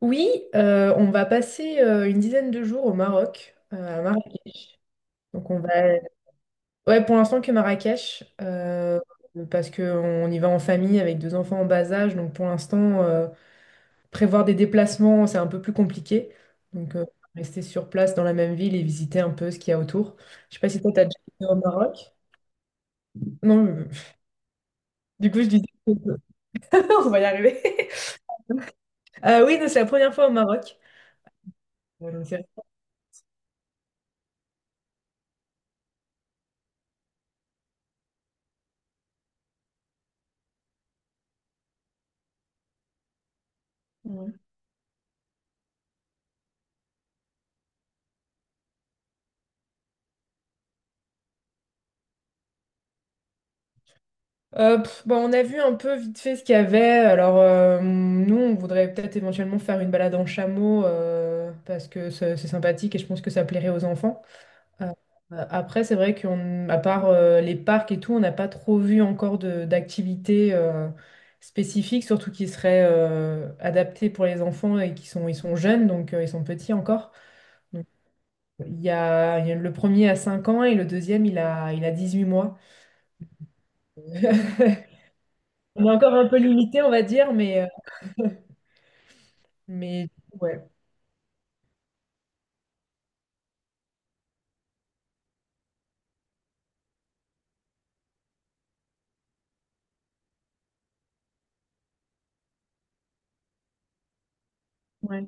Oui, on va passer une dizaine de jours au Maroc, à Marrakech. Donc on va, ouais, pour l'instant que Marrakech, parce qu'on y va en famille avec deux enfants en bas âge. Donc pour l'instant, prévoir des déplacements, c'est un peu plus compliqué. Donc rester sur place dans la même ville et visiter un peu ce qu'il y a autour. Je sais pas si toi t'as déjà été au Maroc. Non, du coup je disais, on va y arriver. Oui, non, c'est la première fois au Maroc. Euh, donc, c'est- Bah, on a vu un peu vite fait ce qu'il y avait. Alors, nous, on voudrait peut-être éventuellement faire une balade en chameau, parce que c'est sympathique et je pense que ça plairait aux enfants. Après, c'est vrai qu'on, à part les parcs et tout, on n'a pas trop vu encore d'activités spécifiques, surtout qui seraient adaptées pour les enfants et ils sont jeunes, donc ils sont petits encore. Il y a le premier à 5 ans et le deuxième, il a 18 mois. On est encore un peu limité, on va dire, mais ouais. Ouais.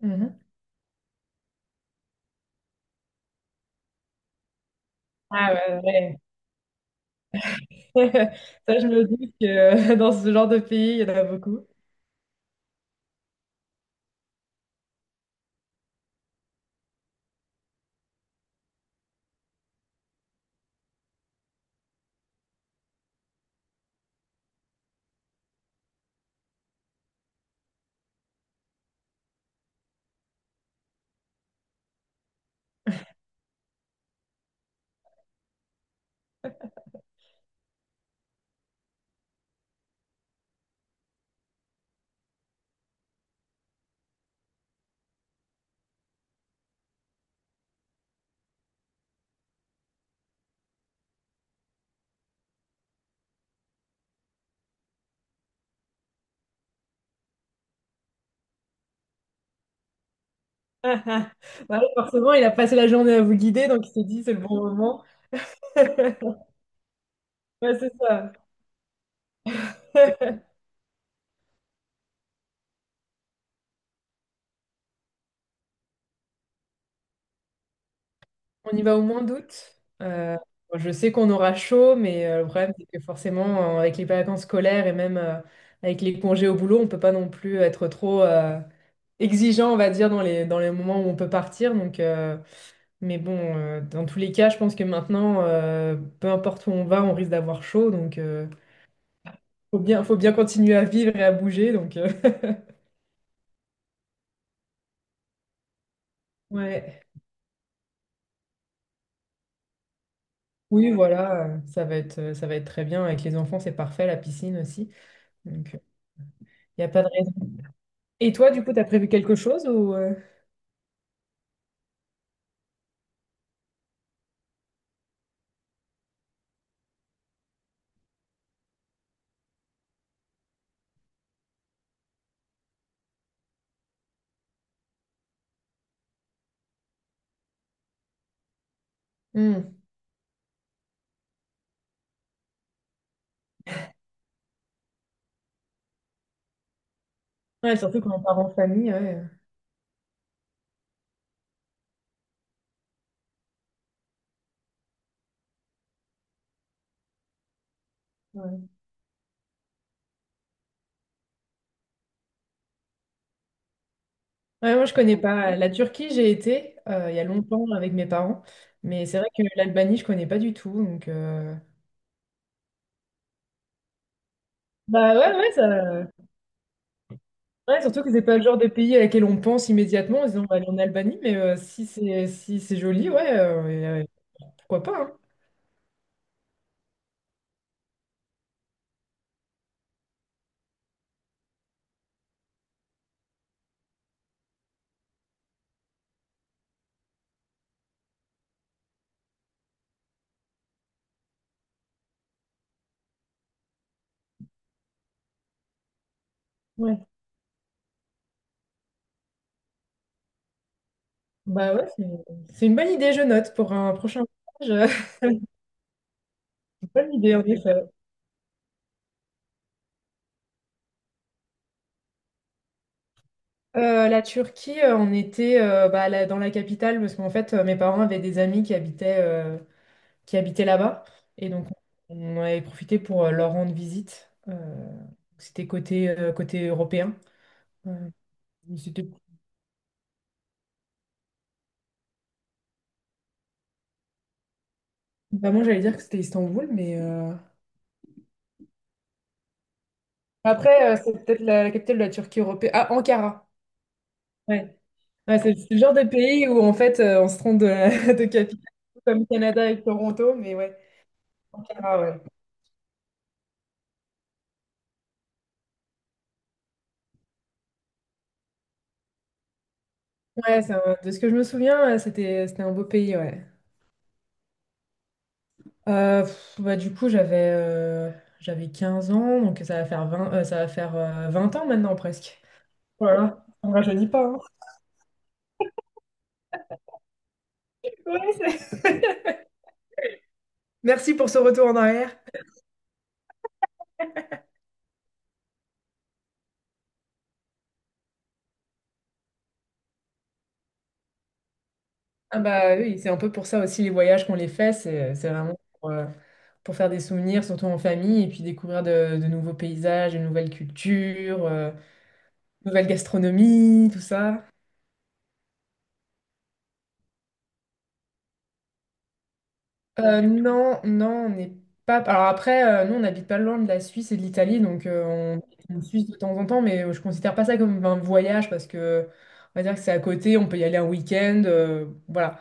Mhm. Ah ouais, ouais. Ça, je me dis que dans ce genre de pays, il y en a beaucoup. Bah oui, forcément, il a passé la journée à vous guider, donc il s'est dit, c'est le bon moment. Ouais, c'est ça. On y va au mois d'août. Euh, bon, je sais qu'on aura chaud, mais le problème, c'est que forcément, avec les vacances scolaires et même avec les congés au boulot, on peut pas non plus être trop exigeant, on va dire, dans les moments où on peut partir. Mais bon, dans tous les cas, je pense que maintenant, peu importe où on va, on risque d'avoir chaud. Faut bien, faut bien continuer à vivre et à bouger. Donc, ouais. Oui, voilà, ça va être très bien. Avec les enfants, c'est parfait, la piscine aussi. Donc, il n'y a pas de raison. Et toi, du coup, t'as prévu quelque chose ou hmm. Ouais, surtout quand on part en famille, ouais. Ouais. Ouais, moi, je connais pas la Turquie, j'ai été il y a longtemps avec mes parents, mais c'est vrai que l'Albanie, je connais pas du tout. Bah ouais, ouais, ça. Ouais, surtout que c'est pas le genre de pays à laquelle on pense immédiatement en se disant on va aller en Albanie, mais si c'est joli, ouais, pourquoi pas, hein. Ouais. Bah ouais, c'est une bonne idée, je note, pour un prochain voyage. Bonne idée, en effet. La Turquie, on était dans la capitale parce qu'en fait, mes parents avaient des amis qui habitaient là-bas. Et donc, on avait profité pour leur rendre visite. C'était côté, côté européen. Euh, c'était- Bah, moi, j'allais dire que c'était Istanbul, mais. Après, c'est peut-être la capitale de la Turquie européenne. Ah, Ankara. Ouais. Ouais, c'est le genre de pays où, en fait, on se trompe de capitale, comme Canada et Toronto, mais ouais. Ankara, ouais. Ouais, de ce que je me souviens, c'était un beau pays, ouais. Bah, du coup, j'avais 15 ans, donc ça va faire 20 ans maintenant, presque. Voilà, on ne rajeunit pas, hein. Ouais, merci pour ce retour en arrière. Ah bah oui, c'est un peu pour ça aussi les voyages qu'on les fait, c'est vraiment pour faire des souvenirs, surtout en famille, et puis découvrir de nouveaux paysages, de nouvelles cultures, nouvelle gastronomie, tout ça. Non, non, on n'est pas. Alors après, nous, on n'habite pas loin de la Suisse et de l'Italie, donc on on en Suisse de temps en temps, mais je considère pas ça comme un voyage parce que on va dire que c'est à côté, on peut y aller un week-end, voilà.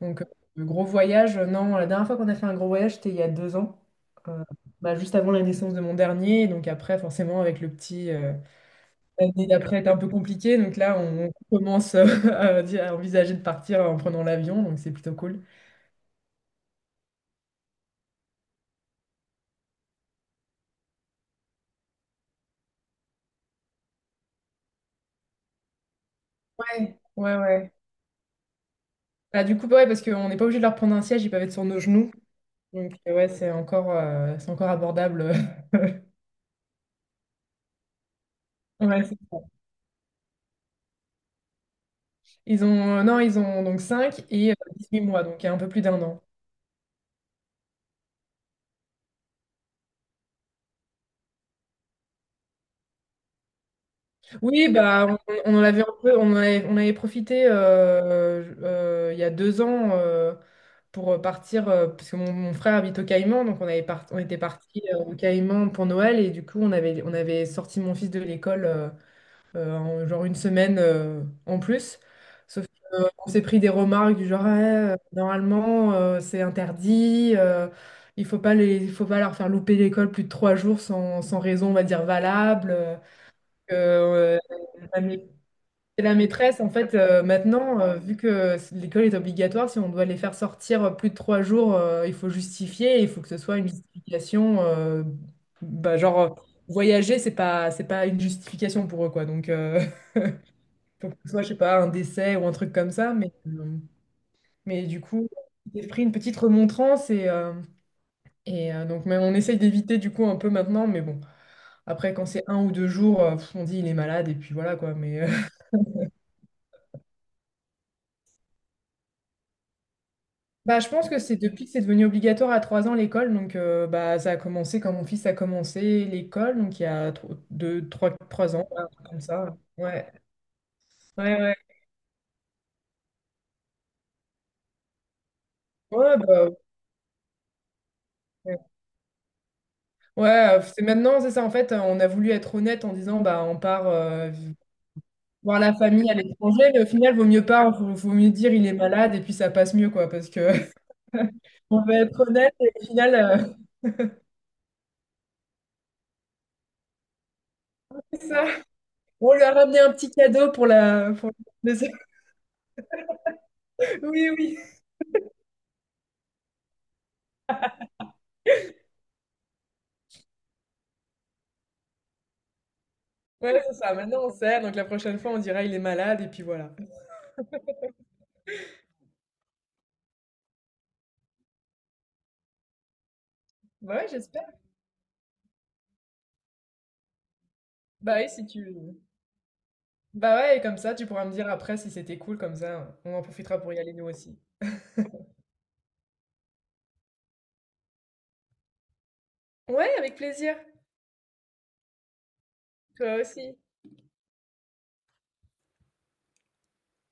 Donc, euh, le gros voyage, non, la dernière fois qu'on a fait un gros voyage, c'était il y a 2 ans, euh, bah, juste avant la naissance de mon dernier, donc après, forcément, avec le petit. L'année d'après est un peu compliquée, donc là, on commence à envisager de partir en prenant l'avion, donc c'est plutôt cool. Ouais, ouais, ouais. Bah, du coup, ouais, parce qu'on n'est pas obligé de leur prendre un siège, ils peuvent être sur nos genoux. Ouais, c'est encore abordable. Ouais, c'est ça. Ils ont, non, ils ont donc 5 et 18 mois, donc il y a un peu plus d'un an. Oui, bah, on en avait un peu, on avait profité il y a deux ans, pour partir, parce que mon frère habite au Caïman, donc on était parti au Caïman pour Noël, et du coup, on avait sorti mon fils de l'école en genre une semaine, en plus. Sauf qu'on s'est pris des remarques du genre, ouais, normalement, c'est interdit, il faut pas leur faire louper l'école plus de 3 jours sans raison, on va dire, valable. Euh, la mait- la maîtresse, en fait, maintenant, vu l'école est obligatoire, si on doit les faire sortir plus de 3 jours, il faut justifier, il faut que ce soit une justification. Bah, genre, voyager, c'est pas une justification pour eux, quoi. Donc, faut que ce soit, je sais pas, un décès ou un truc comme ça. Mais du coup, si j'ai pris une petite remontrance mais on essaye d'éviter, du coup, un peu maintenant, mais bon. Après, quand c'est 1 ou 2 jours, on dit il est malade et puis voilà quoi. Bah, je pense que c'est depuis que c'est devenu obligatoire à 3 ans l'école. Bah, ça a commencé quand mon fils a commencé l'école, donc il y a 2, trois ans, voilà, un truc comme ça. Ouais, ouais, ouais. Ouais, bah, ouais. Ouais, c'est maintenant, c'est ça. En fait, on a voulu être honnête en disant, bah, on part voir la famille à l'étranger, mais au final, vaut mieux pas, vaut mieux dire il est malade et puis ça passe mieux, quoi, parce que on va être honnête et au final, c'est ça. On lui a ramené un petit cadeau pour la. Oui, oui. Ouais, c'est ça. Maintenant, on sait. Donc la prochaine fois, on dira il est malade et puis voilà. Bah ouais, j'espère. Bah oui, si tu. Bah ouais, et comme ça, tu pourras me dire après si c'était cool comme ça. On en profitera pour y aller nous aussi. Ouais, avec plaisir. Toi aussi.